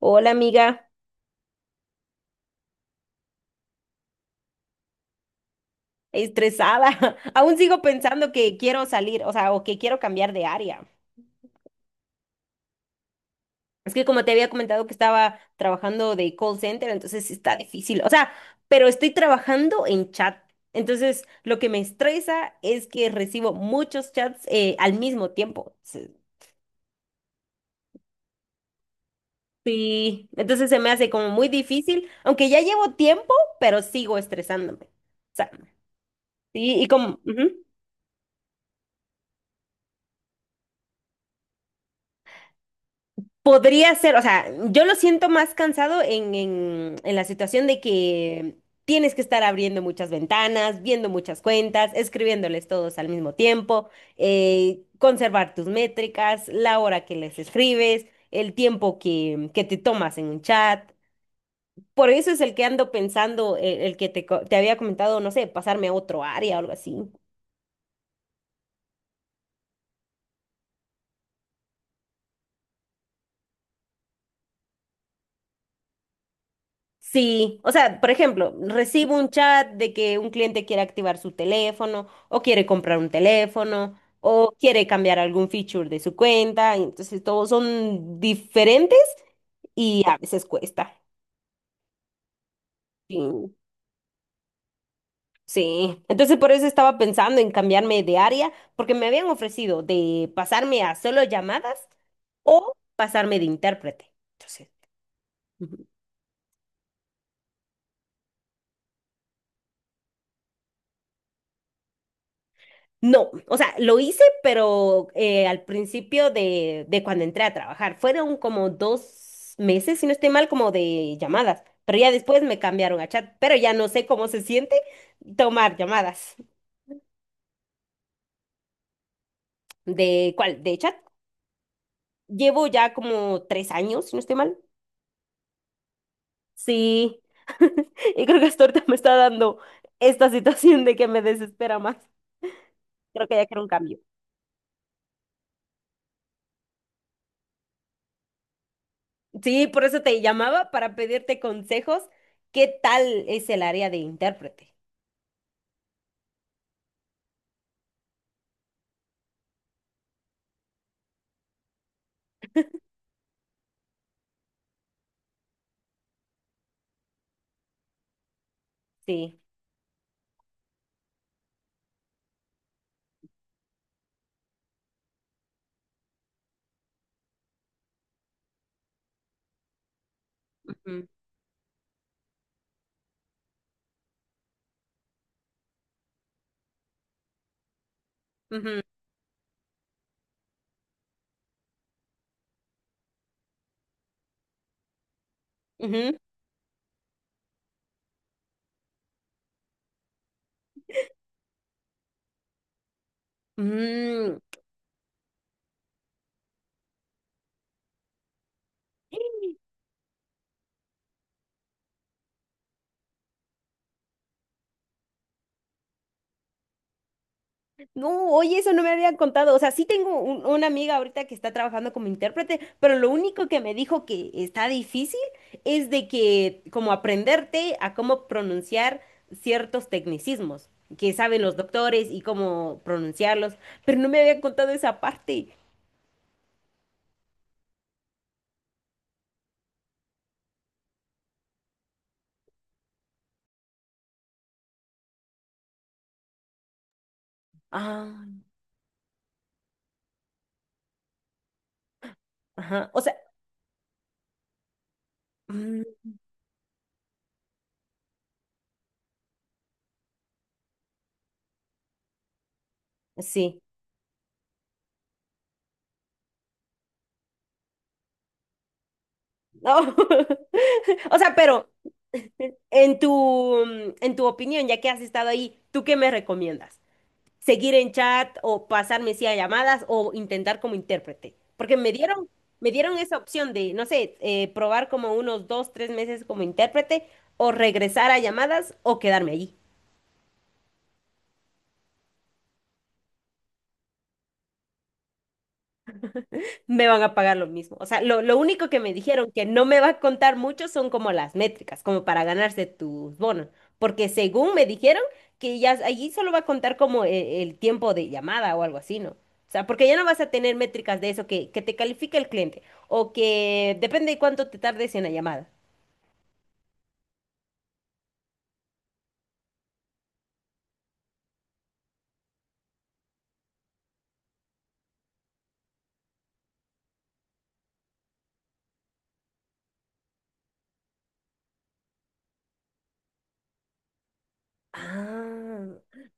Hola amiga, estresada. Aún sigo pensando que quiero salir, o sea, o que quiero cambiar de área. Es que como te había comentado que estaba trabajando de call center, entonces está difícil. O sea, pero estoy trabajando en chat. Entonces, lo que me estresa es que recibo muchos chats al mismo tiempo. Sí, entonces se me hace como muy difícil, aunque ya llevo tiempo, pero sigo estresándome. O sea, sí, y como ujú. Podría ser, o sea, yo lo siento más cansado en la situación de que tienes que estar abriendo muchas ventanas, viendo muchas cuentas, escribiéndoles todos al mismo tiempo, conservar tus métricas, la hora que les escribes, el tiempo que te tomas en un chat. Por eso es el que ando pensando, el, que te, co- te había comentado, no sé, pasarme a otro área o algo así. Sí, o sea, por ejemplo, recibo un chat de que un cliente quiere activar su teléfono o quiere comprar un teléfono o quiere cambiar algún feature de su cuenta, entonces todos son diferentes y a veces cuesta. Sí, sí. Entonces por eso estaba pensando en cambiarme de área porque me habían ofrecido de pasarme a solo llamadas o pasarme de intérprete. Entonces, no, o sea, lo hice, pero al principio de, cuando entré a trabajar. Fueron como 2 meses, si no estoy mal, como de llamadas. Pero ya después me cambiaron a chat. Pero ya no sé cómo se siente tomar llamadas. ¿De cuál? ¿De chat? Llevo ya como 3 años, si no estoy mal. Sí. Y creo que hasta ahorita me está dando esta situación de que me desespera más. Creo que ya quiero un cambio. Sí, por eso te llamaba para pedirte consejos. ¿Qué tal es el área de intérprete? Sí. Ujú, ujú, ujú. Mm. No, oye, eso no me habían contado. O sea, sí tengo una amiga ahorita que está trabajando como intérprete, pero lo único que me dijo que está difícil es de que como aprenderte a cómo pronunciar ciertos tecnicismos que saben los doctores y cómo pronunciarlos, pero no me habían contado esa parte. Ah, ajá. O sea, sí. No. O sea, pero en tu, en tu opinión, ya que has estado ahí, ¿tú qué me recomiendas? ¿Seguir en chat o pasarme sí a llamadas o intentar como intérprete? Porque me dieron esa opción de, no sé, probar como unos dos, tres meses como intérprete o regresar a llamadas o quedarme allí. Me van a pagar lo mismo. O sea, lo único que me dijeron que no me va a contar mucho son como las métricas, como para ganarse tus bonos. Porque según me dijeron que ya allí solo va a contar como el tiempo de llamada o algo así, ¿no? O sea, porque ya no vas a tener métricas de eso que te califica el cliente o que depende de cuánto te tardes en la llamada. Ah,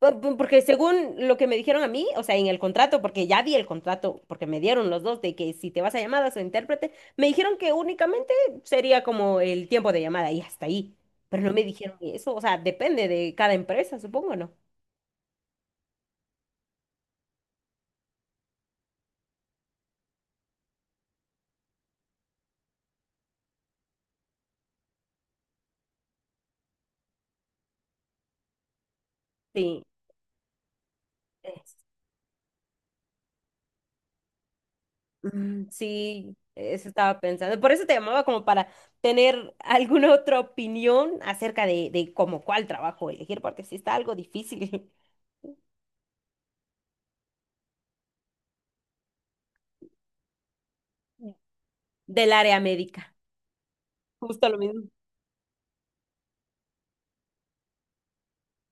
porque según lo que me dijeron a mí, o sea, en el contrato, porque ya vi el contrato, porque me dieron los dos de que si te vas a llamadas o intérprete, me dijeron que únicamente sería como el tiempo de llamada y hasta ahí. Pero no me dijeron eso, o sea, depende de cada empresa, supongo, ¿no? Sí, es- sí, eso estaba pensando. Por eso te llamaba como para tener alguna otra opinión acerca de, como cuál trabajo elegir, porque sí está algo difícil del área médica. Justo lo mismo.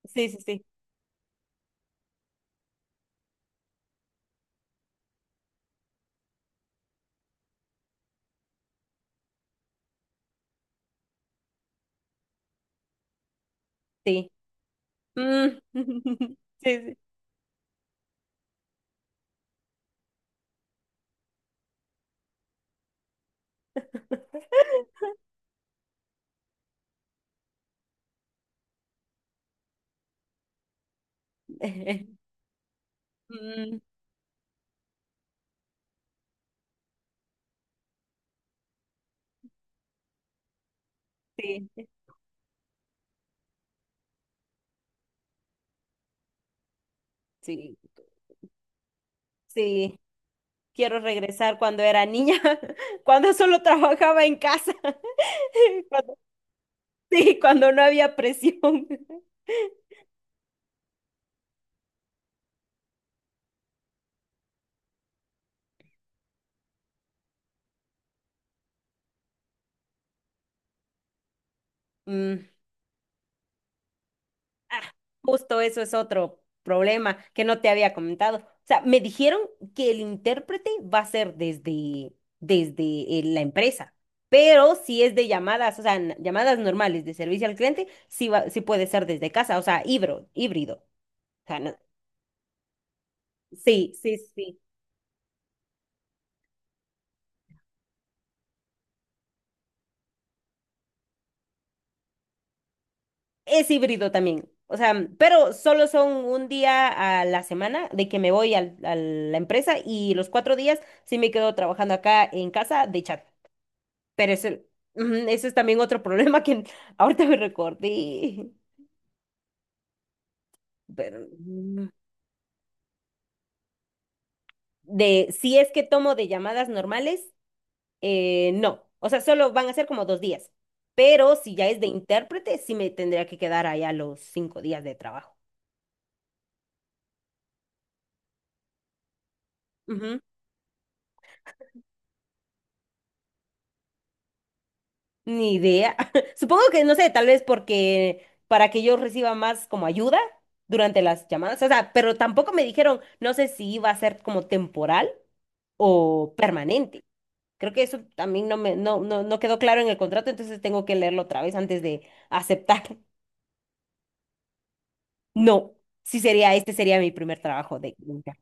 Sí, sí, sí, sí. Mm. Sí, sí. Mm, sí, sí, sí. Quiero regresar cuando era niña, cuando solo trabajaba en casa, cuando- sí, cuando no había presión. Mm. Ah, justo eso es otro problema que no te había comentado. O sea, me dijeron que el intérprete va a ser desde la empresa, pero si es de llamadas, o sea, llamadas normales de servicio al cliente, sí, sí puede ser desde casa, o sea, híbrido, híbrido. O sea, sí, sí, sí. Es híbrido también. O sea, pero solo son un día a la semana de que me voy a la empresa y los 4 días sí me quedo trabajando acá en casa de chat. Pero ese es también otro problema que ahorita me recordé. Pero, de si es que tomo de llamadas normales, no. O sea, solo van a ser como 2 días. Pero si ya es de intérprete, sí me tendría que quedar allá los 5 días de trabajo. Ujú, ni idea. Supongo que, no sé, tal vez porque para que yo reciba más como ayuda durante las llamadas. O sea, pero tampoco me dijeron, no sé si iba a ser como temporal o permanente. Creo que eso también no me, no, no, no quedó claro en el contrato, entonces tengo que leerlo otra vez antes de aceptar. No, sí sería, este sería mi primer trabajo de limpiar.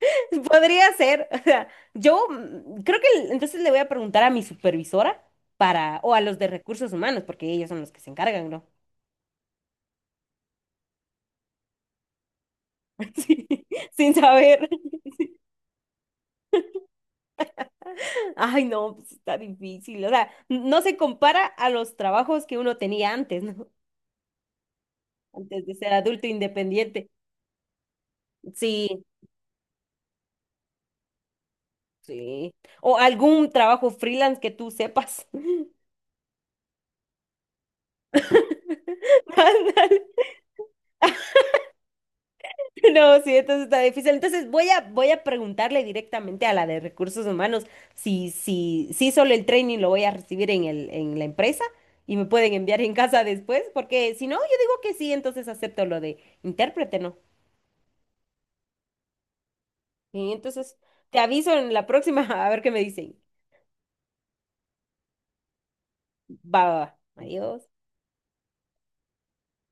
Podría ser, o sea, yo creo que entonces le voy a preguntar a mi supervisora para, o a los de recursos humanos, porque ellos son los que se encargan, ¿no? Sí, sin saber. Ay, no, pues está difícil. O sea, no se compara a los trabajos que uno tenía antes, ¿no? Antes de ser adulto independiente. Sí, sí. O algún trabajo freelance que tú sepas. Ándale. No, sí, entonces está difícil. Entonces voy a preguntarle directamente a la de recursos humanos si solo el training lo voy a recibir en la empresa y me pueden enviar en casa después, porque si no, yo digo que sí, entonces acepto lo de intérprete, ¿no? Y entonces te aviso en la próxima a ver qué me dicen. Va, va, va. Adiós.